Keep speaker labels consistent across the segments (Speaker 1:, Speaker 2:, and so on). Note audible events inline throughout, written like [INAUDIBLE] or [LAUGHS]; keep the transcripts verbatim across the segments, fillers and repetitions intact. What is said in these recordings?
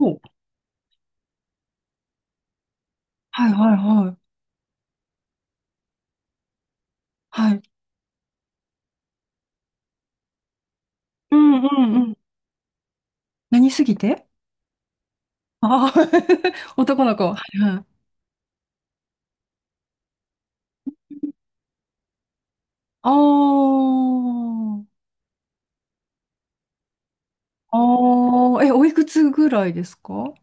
Speaker 1: おはいはいはい。はい。うんうんうん。何すぎて？あ、 [LAUGHS] あー、[LAUGHS] 男の子。はいはい。あー、あー、え、おいくつぐらいですか？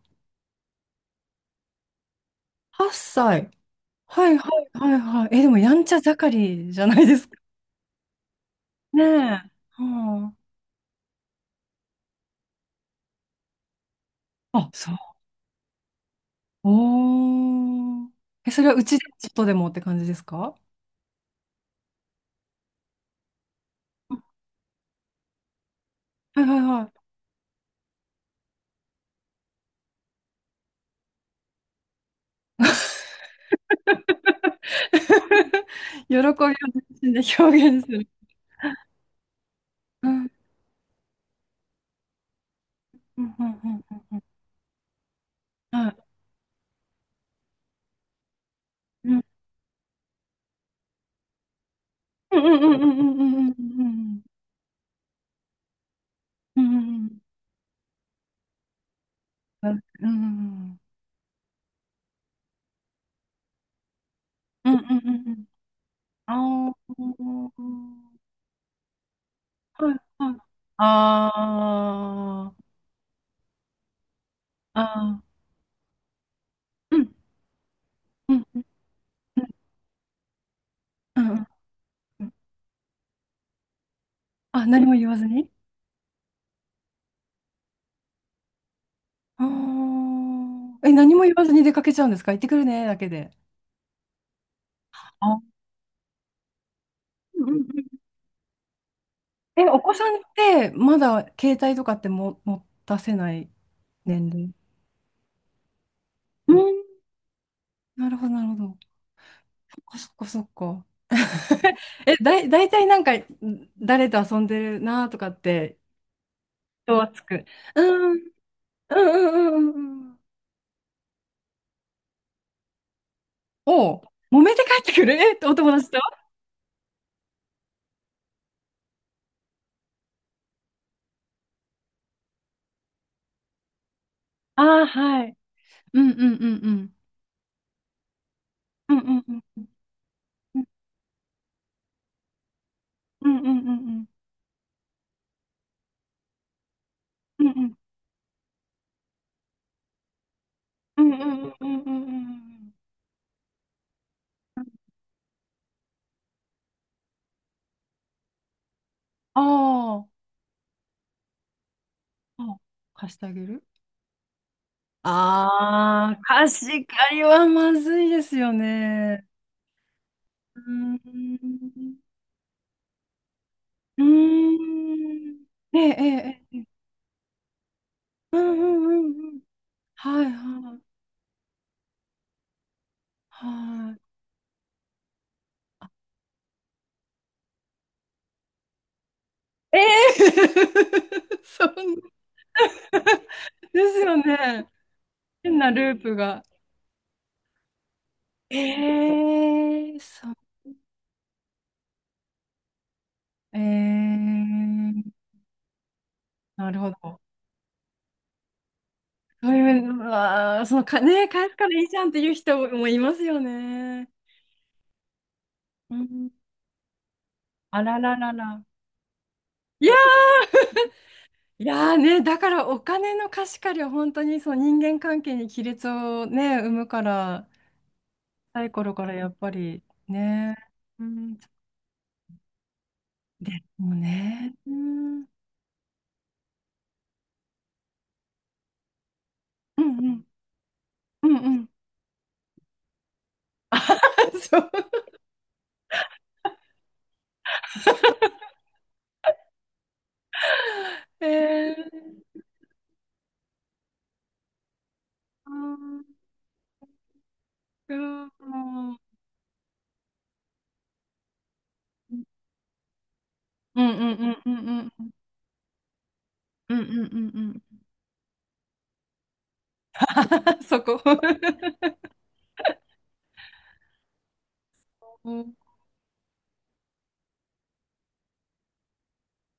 Speaker 1: はっさい 歳。はいはいはいはい。え、でもやんちゃ盛りじゃないですか？ねえ。はあ、あ、そう。おー。え、それはうちでちょっとでもって感じですか？うん、はいはいはい。[LAUGHS] 喜びを全身で表現する。うんうんうんうんうん、はい、うんうんうんうんうんうんうんうんうんうんうんうんうんうんうんうんうん、あー、はいはい、あー、あー、うんうんうんうんうんうん、あ、何も言わずに？あー、え、何も言わずに出かけちゃうんですか？行ってくるねだけで？あ、うんうんうん。え、お子さんってまだ携帯とかっても持たせない年齢？うん、なるほどなるほど、そっかそっか。[LAUGHS] え、だい、大体なんか、誰と遊んでるなとかって、人はつく。うん、うん、うん、うん。うんうん。おう、揉めて帰ってくる？え、[LAUGHS] お友達と？ああー、はい。うん、うん、うん、うん。うんうんうんうんうんうんうんうんうんうんうんうんうんうんうん、ああ、あ貸してあげる？ああー、貸し借りはまずいですよね。うーん、うーん。ええ、ええ、ええ、うんうんうんうん。はいはいはい。ええ、 [LAUGHS] そうですよね。変なループが。ええ、そう。ええ、なるほど。そういう、うわー、そのか、ね、返すからいいじゃんっていう人もいますよね。うん。あらららら。いや、いやーね、だからお金の貸し借りは本当にそう人間関係に亀裂をね、生むから。若い頃からやっぱりね、うん、でもね、うん、うん、うん、うん、うん、 [LAUGHS] そう、えー、うんうんうんうんうんうんうんうんうんうん、 [LAUGHS] うん、そこ、うん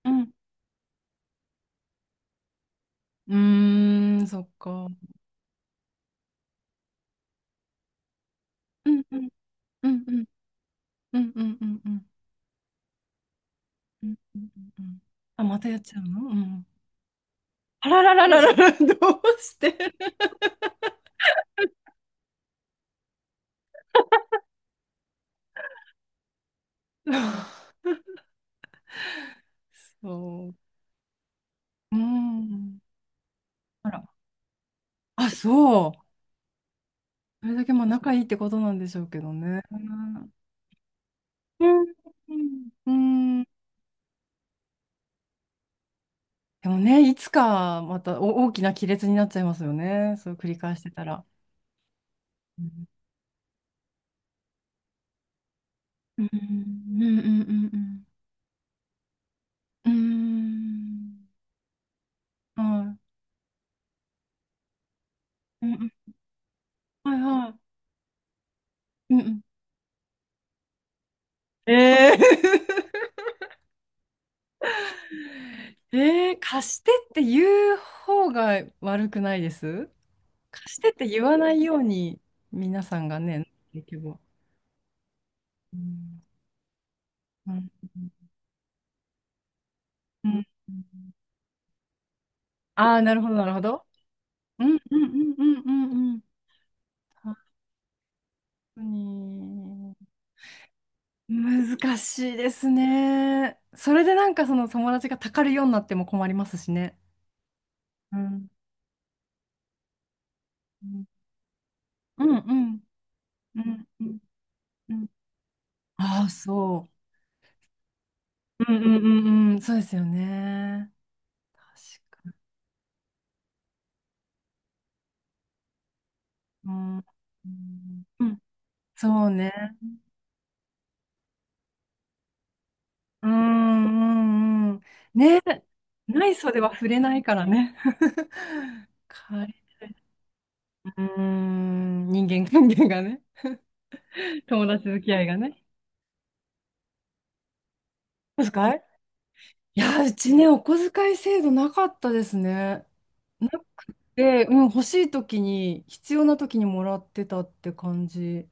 Speaker 1: うん、うーん、そっか、うんうんうんうんうんうんうんうんうんうん、うんあ、またやっちゃうの？うん、あらららららら、どうして？ [LAUGHS] そう、うん、あら、あ、そう。それだけまあ仲いいってことなんでしょうけどね。うんうん。うん、でもね、いつかまたお大きな亀裂になっちゃいますよね。そう繰り返してたら。うんうんうんうんうんうんうん、はい。うんうん、はいはい、うんうん、ええ、 [LAUGHS] えー、貸してって言う方が悪くないです？貸してって言わないように皆さんがね、結局は。うんうんうん。ああ、なるほど、なるほど。うんうんうんうんうんうん。本当に。難しいですね。それでなんかその友達がたかるようになっても困りますしね。うん。うんうんうんうんうんうん、ああ、そう。うんうんうんうん。そうですよね。確かに。うん。うんうん、そうね。うんうんうん。ね、ない袖は触れないからね。[LAUGHS] かうーん、人間関係 [LAUGHS] がね。友達付き合いがね。お小遣い、いや、うちね、お小遣い制度なかったですね。なくて、うん、欲しい時に、必要な時にもらってたって感じ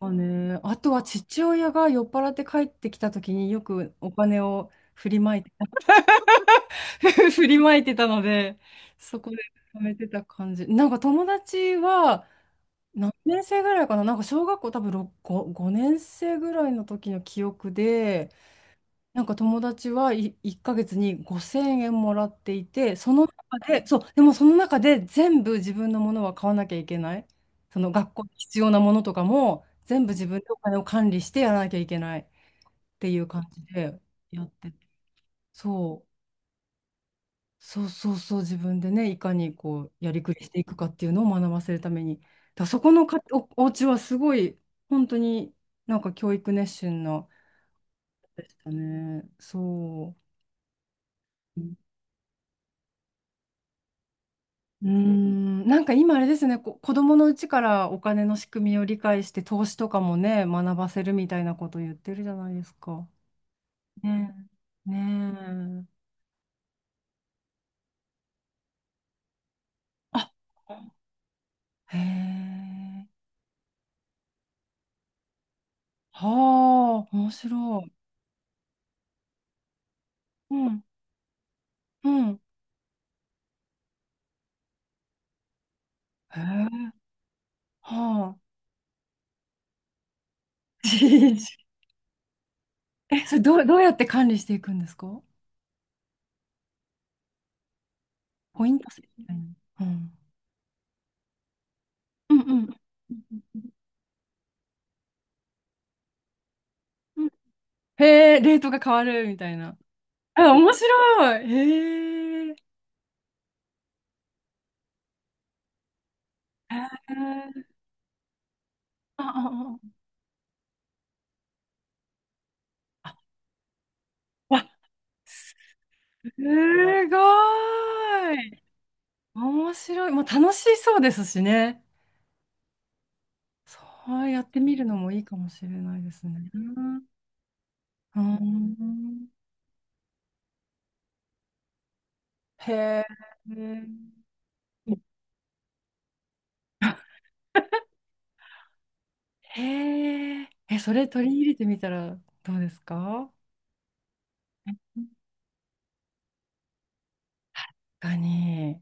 Speaker 1: がね。あとは父親が酔っ払って帰ってきた時によくお金を振りまいてた、[LAUGHS] 振りまいてたので、そこで貯めてた感じ。なんか友達は、何年生ぐらいかな、なんか小学校多分ろく、ご、ごねん生ぐらいの時の記憶で、なんか友達はいいっかげつにごせんえんもらっていて、その中で、そう、でもその中で全部自分のものは買わなきゃいけない。その学校に必要なものとかも全部自分でお金を管理してやらなきゃいけないっていう感じでやってて、そう。そうそうそう、自分でね、いかにこう、やりくりしていくかっていうのを学ばせるために。だからそこのかお、お家はすごい、本当になんか教育熱心な、でしたね。そう。うんーん、なんか今あれですね、こ、子供のうちからお金の仕組みを理解して、投資とかもね、学ばせるみたいなこと言ってるじゃないですか。ねえ。ねえ。あ、へえ。はあ、面白い。うん、うん。へえ。はあ。[LAUGHS] え、それどう、どうやって管理していくんですか？ポイント制みたいな。うん。うんうん。うん、へえ、レートが変わるみたいな。あ、面白い。へえ。へー、ああ、あわ、すごい。面白い。まあ、楽しそうですしね。そうやってみるのもいいかもしれないですね。うん。へえ。へえ、え、それ取り入れてみたらどうですか？確かに。